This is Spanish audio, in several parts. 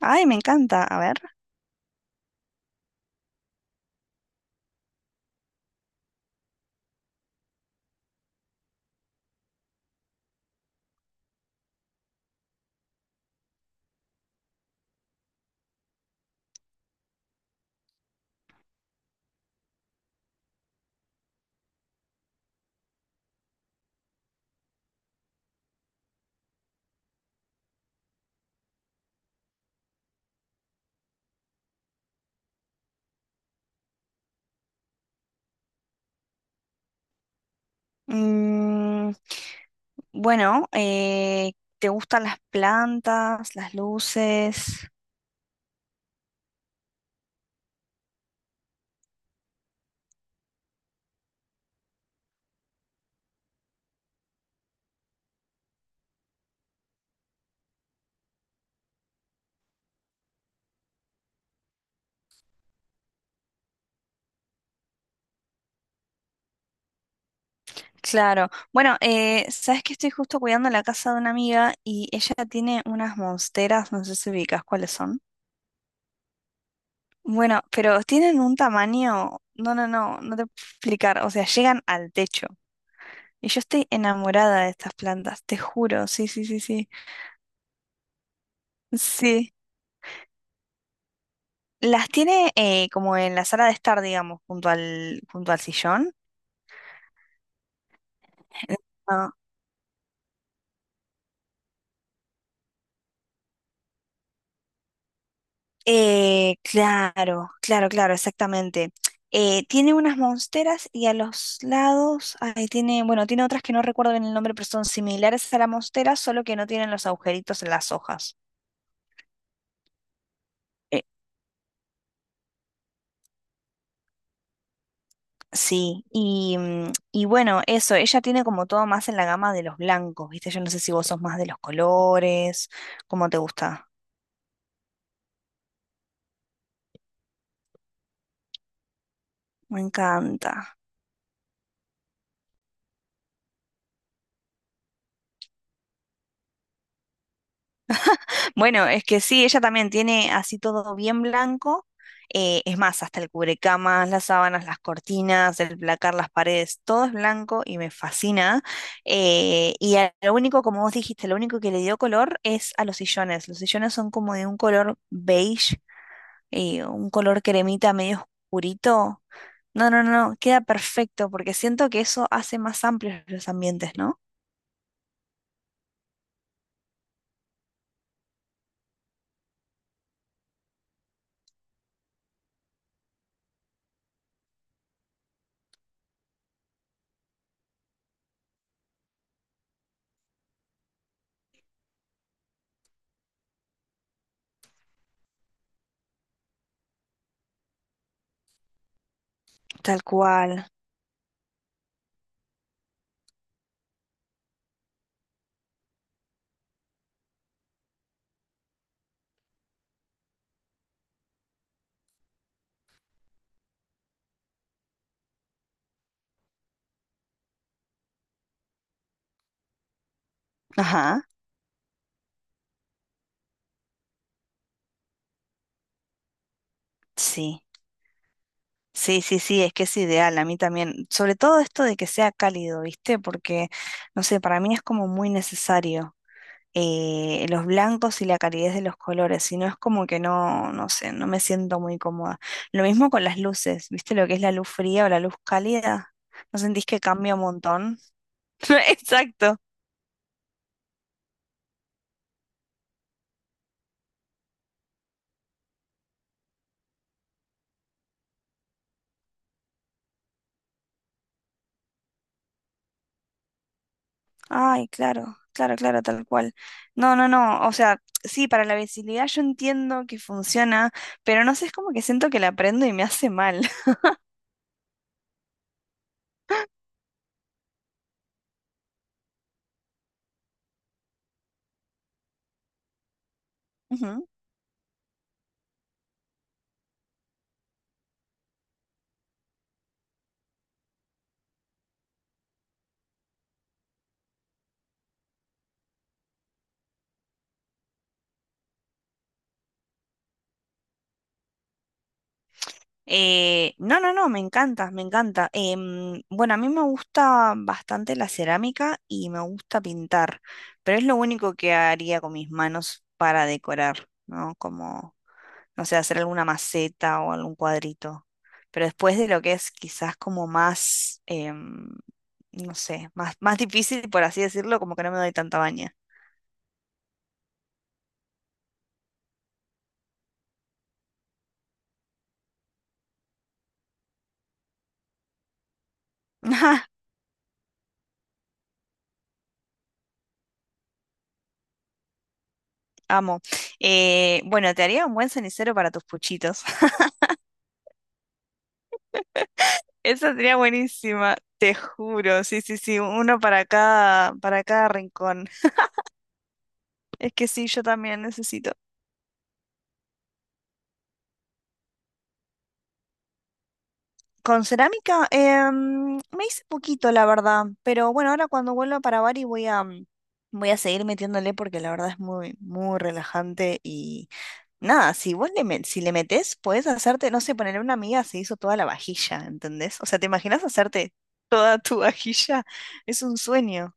Ay, me encanta. A ver. Mm, bueno, ¿te gustan las plantas, las luces? Claro. Bueno, sabes que estoy justo cuidando la casa de una amiga y ella tiene unas monsteras, no sé si ubicas cuáles son. Bueno, pero tienen un tamaño, no, no, no, no te puedo explicar. O sea, llegan al techo. Y yo estoy enamorada de estas plantas, te juro. Sí, sí, sí, sí. Sí. Las tiene como en la sala de estar, digamos, junto al sillón. No. Claro, claro, claro, exactamente. Tiene unas monsteras y a los lados, ahí tiene, bueno, tiene otras que no recuerdo bien el nombre, pero son similares a la monstera, solo que no tienen los agujeritos en las hojas. Eh, sí, y, y bueno, eso, ella tiene como todo más en la gama de los blancos, ¿viste? Yo no sé si vos sos más de los colores, ¿cómo te gusta? Me encanta. Bueno, es que sí, ella también tiene así todo bien blanco. Es más, hasta el cubrecamas, las sábanas, las cortinas, el placar, las paredes, todo es blanco y me fascina. Y lo único, como vos dijiste, lo único que le dio color es a los sillones. Los sillones son como de un color beige, un color cremita medio oscurito. No, no, no, queda perfecto porque siento que eso hace más amplios los ambientes, ¿no? Tal cual. Ajá, sí. Sí, sí, sí, es que es ideal, a mí también. Sobre todo esto de que sea cálido, ¿viste? Porque, no sé, para mí es como muy necesario los blancos y la calidez de los colores, si no es como que no, no sé, no me siento muy cómoda. Lo mismo con las luces, ¿viste? Lo que es la luz fría o la luz cálida, ¿no sentís que cambia un montón? Exacto. Ay, claro, claro, claro, tal cual. No, no, no, o sea, sí, para la visibilidad yo entiendo que funciona, pero no sé, es como que siento que la prendo y me hace mal. No, no, no, me encanta, me encanta. Bueno, a mí me gusta bastante la cerámica y me gusta pintar, pero es lo único que haría con mis manos para decorar, ¿no? Como, no sé, hacer alguna maceta o algún cuadrito. Pero después de lo que es quizás como más, no sé, más, más difícil, por así decirlo, como que no me doy tanta baña. Amo. Bueno, te haría un buen cenicero para tus puchitos. Esa sería buenísima, te juro. Sí, sí, sí, uno para cada rincón. Es que sí, yo también necesito. Con cerámica, me hice poquito, la verdad. Pero bueno, ahora cuando vuelva para Bari voy a, voy a seguir metiéndole porque la verdad es muy, muy relajante. Y nada, si vos le, si le metés, podés hacerte, no sé, ponerle una amiga se hizo toda la vajilla, ¿entendés? O sea, ¿te imaginas hacerte toda tu vajilla? Es un sueño.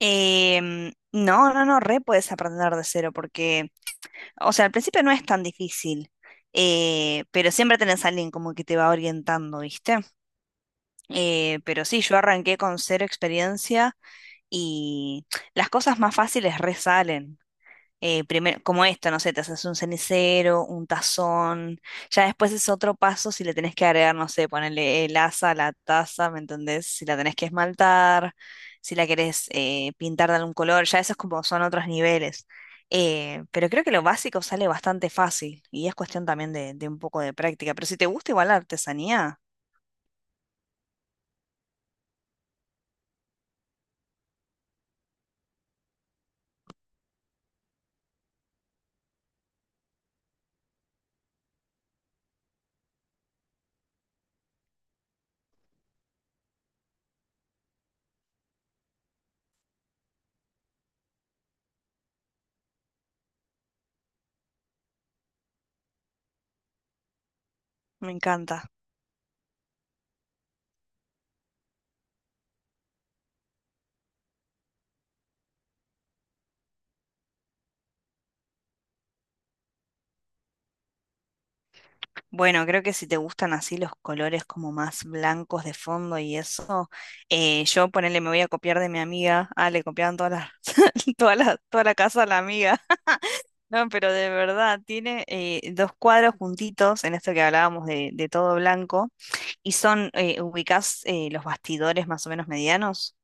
No, no, no, re puedes aprender de cero porque, o sea, al principio no es tan difícil, pero siempre tenés a alguien como que te va orientando, ¿viste? Pero sí, yo arranqué con cero experiencia y las cosas más fáciles resalen primero, como esto, no sé, te haces un cenicero, un tazón, ya después es otro paso si le tenés que agregar, no sé, ponerle el asa a la taza, ¿me entendés? Si la tenés que esmaltar, si la querés pintar de algún color, ya esos como son otros niveles. Pero creo que lo básico sale bastante fácil y es cuestión también de un poco de práctica. Pero si te gusta igual la artesanía, me encanta. Bueno, creo que si te gustan así los colores como más blancos de fondo y eso, yo ponele, me voy a copiar de mi amiga. Ah, le copiaban todas las, toda la casa a la amiga. No, pero de verdad, tiene dos cuadros juntitos en esto que hablábamos de todo blanco y son, ubicás los bastidores más o menos medianos.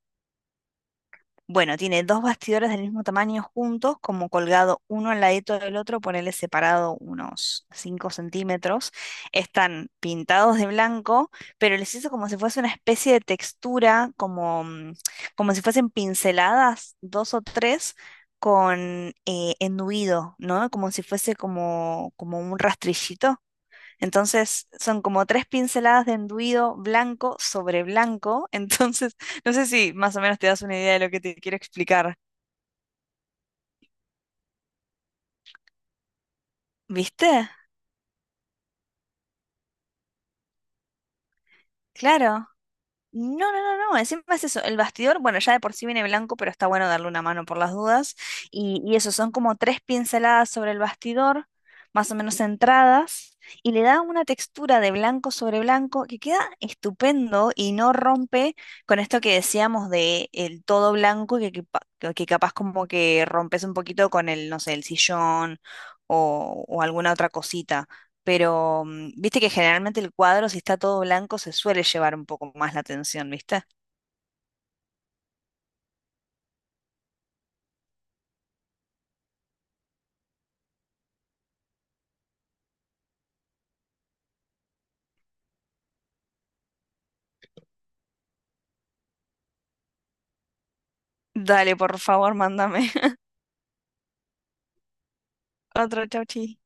Bueno, tiene dos bastidores del mismo tamaño juntos, como colgado uno al ladito del otro, ponele separado unos 5 centímetros. Están pintados de blanco, pero les hizo como si fuese una especie de textura, como, como si fuesen pinceladas, dos o tres, con enduido, ¿no? Como si fuese como, como un rastrillito. Entonces son como tres pinceladas de enduido blanco sobre blanco. Entonces, no sé si más o menos te das una idea de lo que te quiero explicar. ¿Viste? Claro. No, no, no, no, encima es eso, el bastidor, bueno, ya de por sí viene blanco, pero está bueno darle una mano por las dudas. Y eso, son como tres pinceladas sobre el bastidor, más o menos centradas, y le da una textura de blanco sobre blanco que queda estupendo y no rompe con esto que decíamos de el todo blanco, que, que capaz como que rompes un poquito con el, no sé, el sillón o alguna otra cosita pero viste que generalmente el cuadro, si está todo blanco, se suele llevar un poco más la atención, ¿viste? Dale, por favor, mándame otro chauchi.